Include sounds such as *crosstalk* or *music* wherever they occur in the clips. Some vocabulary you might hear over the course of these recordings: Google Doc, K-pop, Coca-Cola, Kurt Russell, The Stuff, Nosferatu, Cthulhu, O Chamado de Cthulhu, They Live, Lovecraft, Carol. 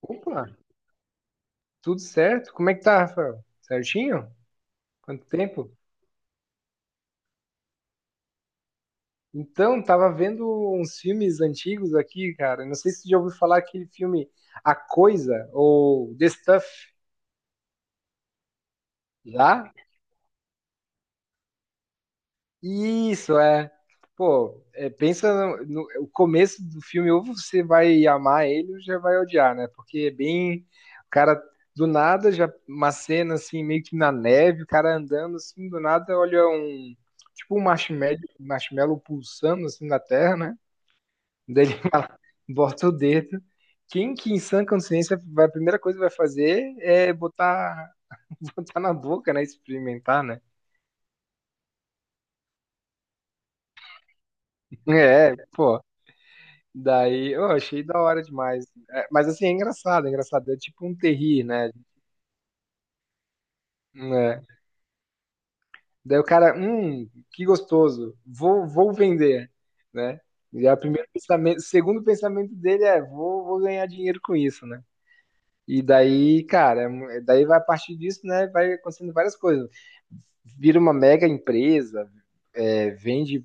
Opa, tudo certo? Como é que tá, Rafael? Certinho? Quanto tempo? Então, tava vendo uns filmes antigos aqui, cara. Não sei se você já ouviu falar aquele filme A Coisa ou The Stuff. Já? Isso, é. Pô, é, pensa o começo do filme, ou você vai amar ele ou já vai odiar, né? Porque é bem. O cara, do nada, já uma cena assim, meio que na neve, o cara andando assim, do nada, olha um. Tipo um marshmallow pulsando assim na terra, né? Daí ele *laughs* fala, bota o dedo. Quem que em sã consciência, a primeira coisa que vai fazer é botar, *laughs* botar na boca, né? Experimentar, né? É, pô. Daí, eu achei da hora demais. É, mas assim, é engraçado, é engraçado. É tipo um terri, né? É. Daí o cara, que gostoso, vou vender, né? E aí o primeiro pensamento, o segundo pensamento dele é, vou ganhar dinheiro com isso, né? E daí, cara, é daí vai a partir disso, né? Vai acontecendo várias coisas. Vira uma mega empresa, é, vende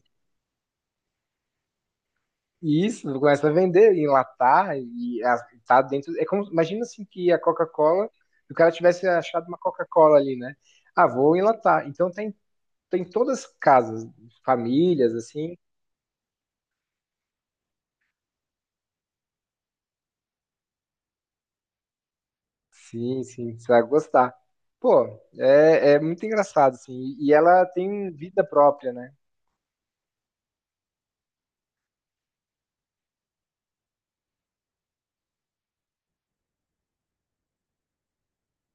isso, começa a vender, enlatar e tá dentro. É como, imagina assim que a Coca-Cola, se o cara tivesse achado uma Coca-Cola ali, né? Ah, vou enlatar. Então tem, tem todas as casas, famílias, assim. Sim, sim, você vai gostar. Pô, é, é muito engraçado, assim. E ela tem vida própria, né?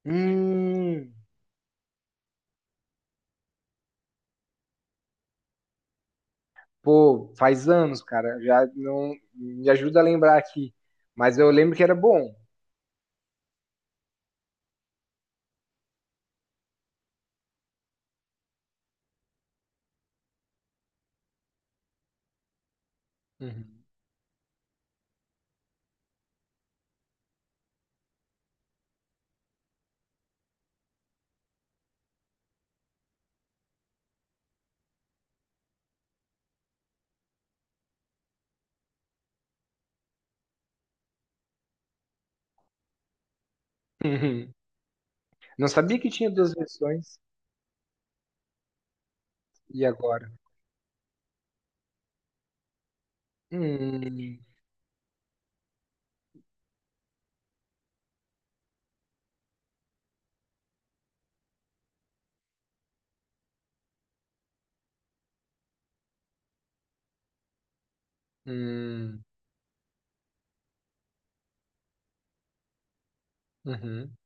Hum, pô, faz anos, cara. Já não me ajuda a lembrar aqui. Mas eu lembro que era bom. Uhum. Uhum. *laughs* Não sabia que tinha duas versões. E agora? Hum, hum, uhum,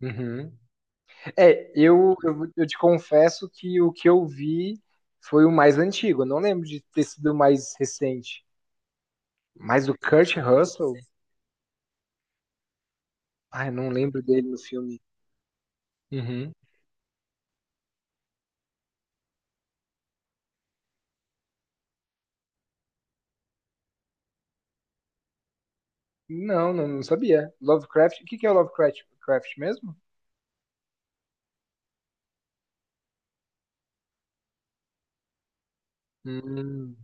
uhum. É, eu te confesso que o que eu vi foi o mais antigo. Eu não lembro de ter sido o mais recente. Mas o Kurt Russell? Ai, não lembro dele no filme. Uhum. Não, não, não sabia. Lovecraft, o que que é o Lovecraft Craft mesmo? Hum,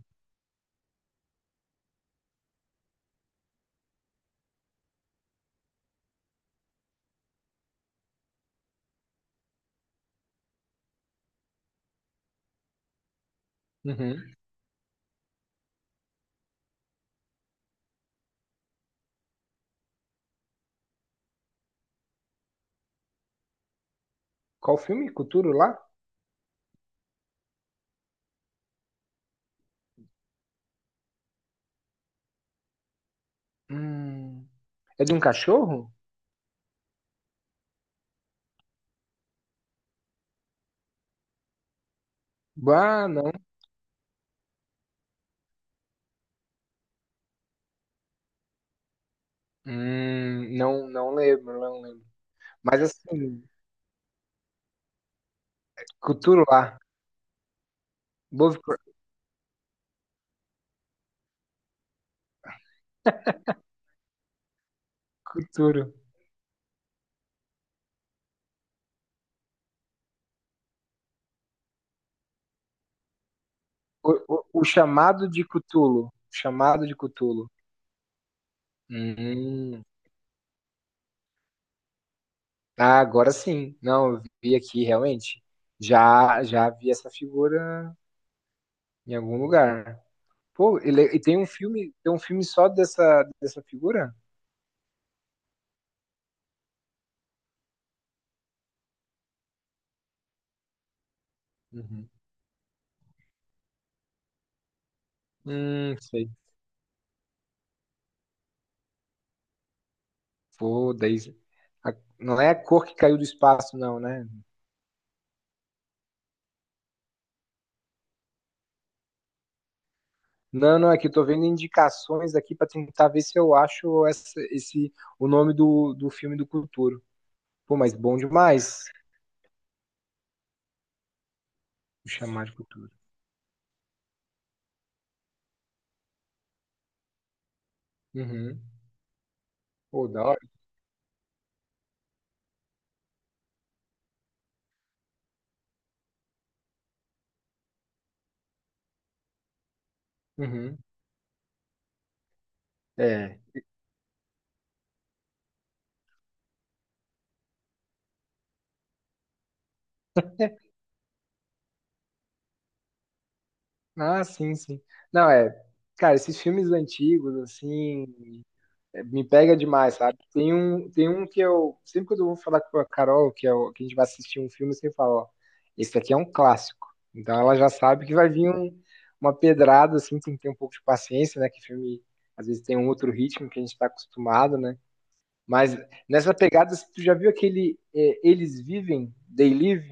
uhum. Qual filme? Cthulhu lá? Hum. É de um cachorro? Ah, não. Não, não lembro, não lembro. Mas assim, Cthulhu lá. Lovecraft, Cthulhu. O chamado de Cthulhu. O chamado de Cthulhu. Hum. Ah, agora sim. Não, eu vi aqui realmente. Já, já vi essa figura em algum lugar. Pô, ele, e tem um filme só dessa, dessa figura? Uhum. Sei. Pô, daí. Não é a cor que caiu do espaço, não, né? Não, não, é que eu tô vendo indicações aqui pra tentar ver se eu acho essa, esse, o nome do filme do Cthulhu. Pô, mas bom demais o chamar de cultura. Uhum. Pô, da hora. Uhum. É. Ah, sim, sim. Não, é. Cara, esses filmes antigos, assim, é, me pega demais, sabe? Tem um que eu. Sempre quando eu vou falar com a Carol, que, que a gente vai assistir um filme, eu sempre falo, ó, esse aqui é um clássico. Então ela já sabe que vai vir uma pedrada, assim, tem que ter um pouco de paciência, né? Que filme, às vezes, tem um outro ritmo que a gente está acostumado, né? Mas nessa pegada, tu já viu aquele Eles Vivem, They Live,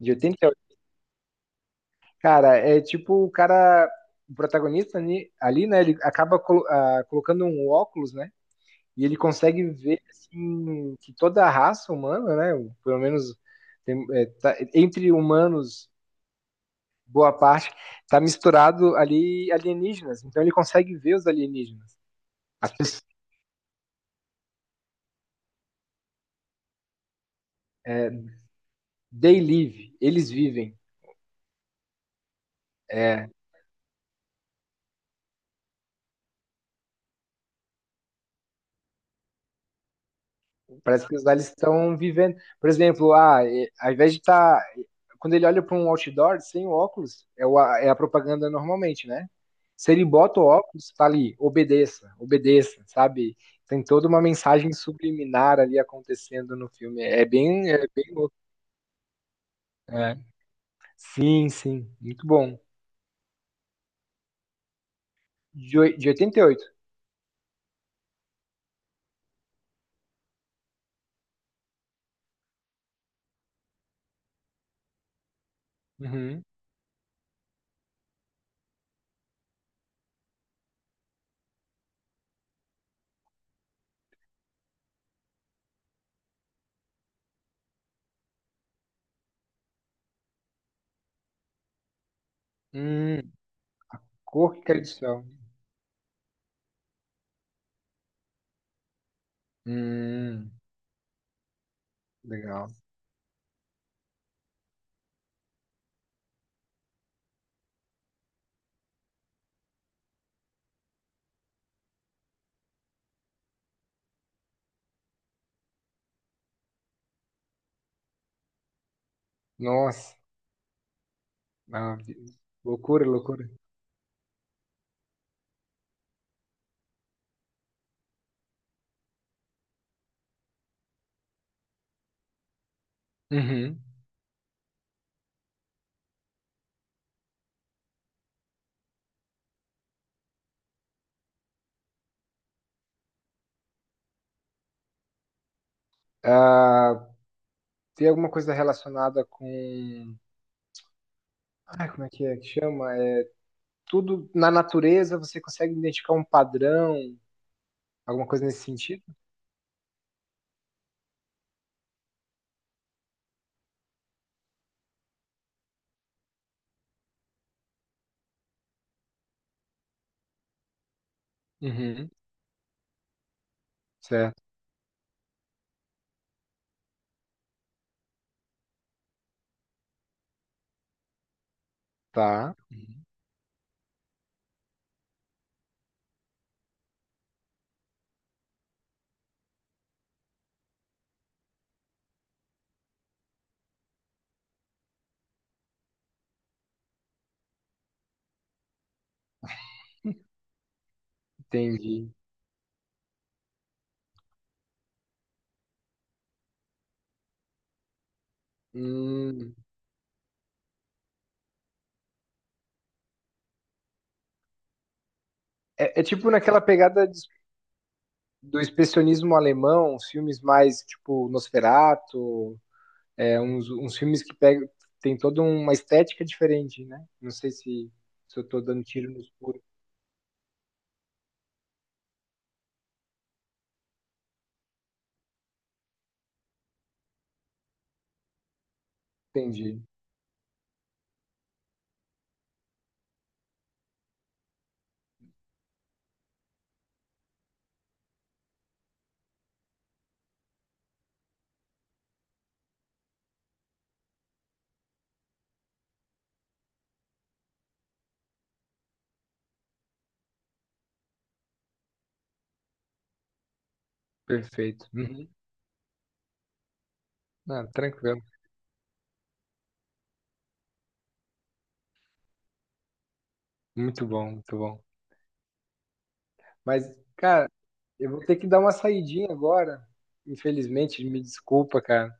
de 80? Cara, é tipo o cara, o protagonista ali, ali né? Ele acaba colocando um óculos, né? E ele consegue ver assim, que toda a raça humana, né? Pelo menos entre humanos, boa parte, tá misturado ali alienígenas. Então ele consegue ver os alienígenas. As pessoas, é, they live, eles vivem. É, parece que os lá eles estão vivendo. Por exemplo, ah, ao invés de estar. Quando ele olha para um outdoor sem o óculos, é, é a propaganda normalmente, né? Se ele bota o óculos, tá ali, obedeça, obedeça, sabe? Tem toda uma mensagem subliminar ali acontecendo no filme. É bem louco. É. Sim, sim, muito bom. De, de 88. Uhum. Hum, cor que caiu do céu. Hum, legal. Nossa, ah, loucura, loucura. Uhum. Ah, tem alguma coisa relacionada com. Ah, como é que chama? É, tudo na natureza você consegue identificar um padrão, alguma coisa nesse sentido? Uhum. Certo, tá, entendi. Hum, é, é tipo naquela pegada do expressionismo alemão, os filmes mais tipo Nosferatu, é, uns filmes que pegam, tem toda uma estética diferente, né? Não sei se, se eu tô dando tiro no escuro. Entendi, perfeito. Uhum. Ah, tranquilo. Muito bom, muito bom. Mas, cara, eu vou ter que dar uma saidinha agora. Infelizmente, me desculpa, cara.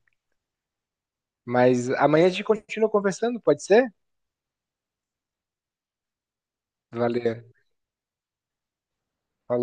Mas amanhã a gente continua conversando, pode ser? Valeu. Falou.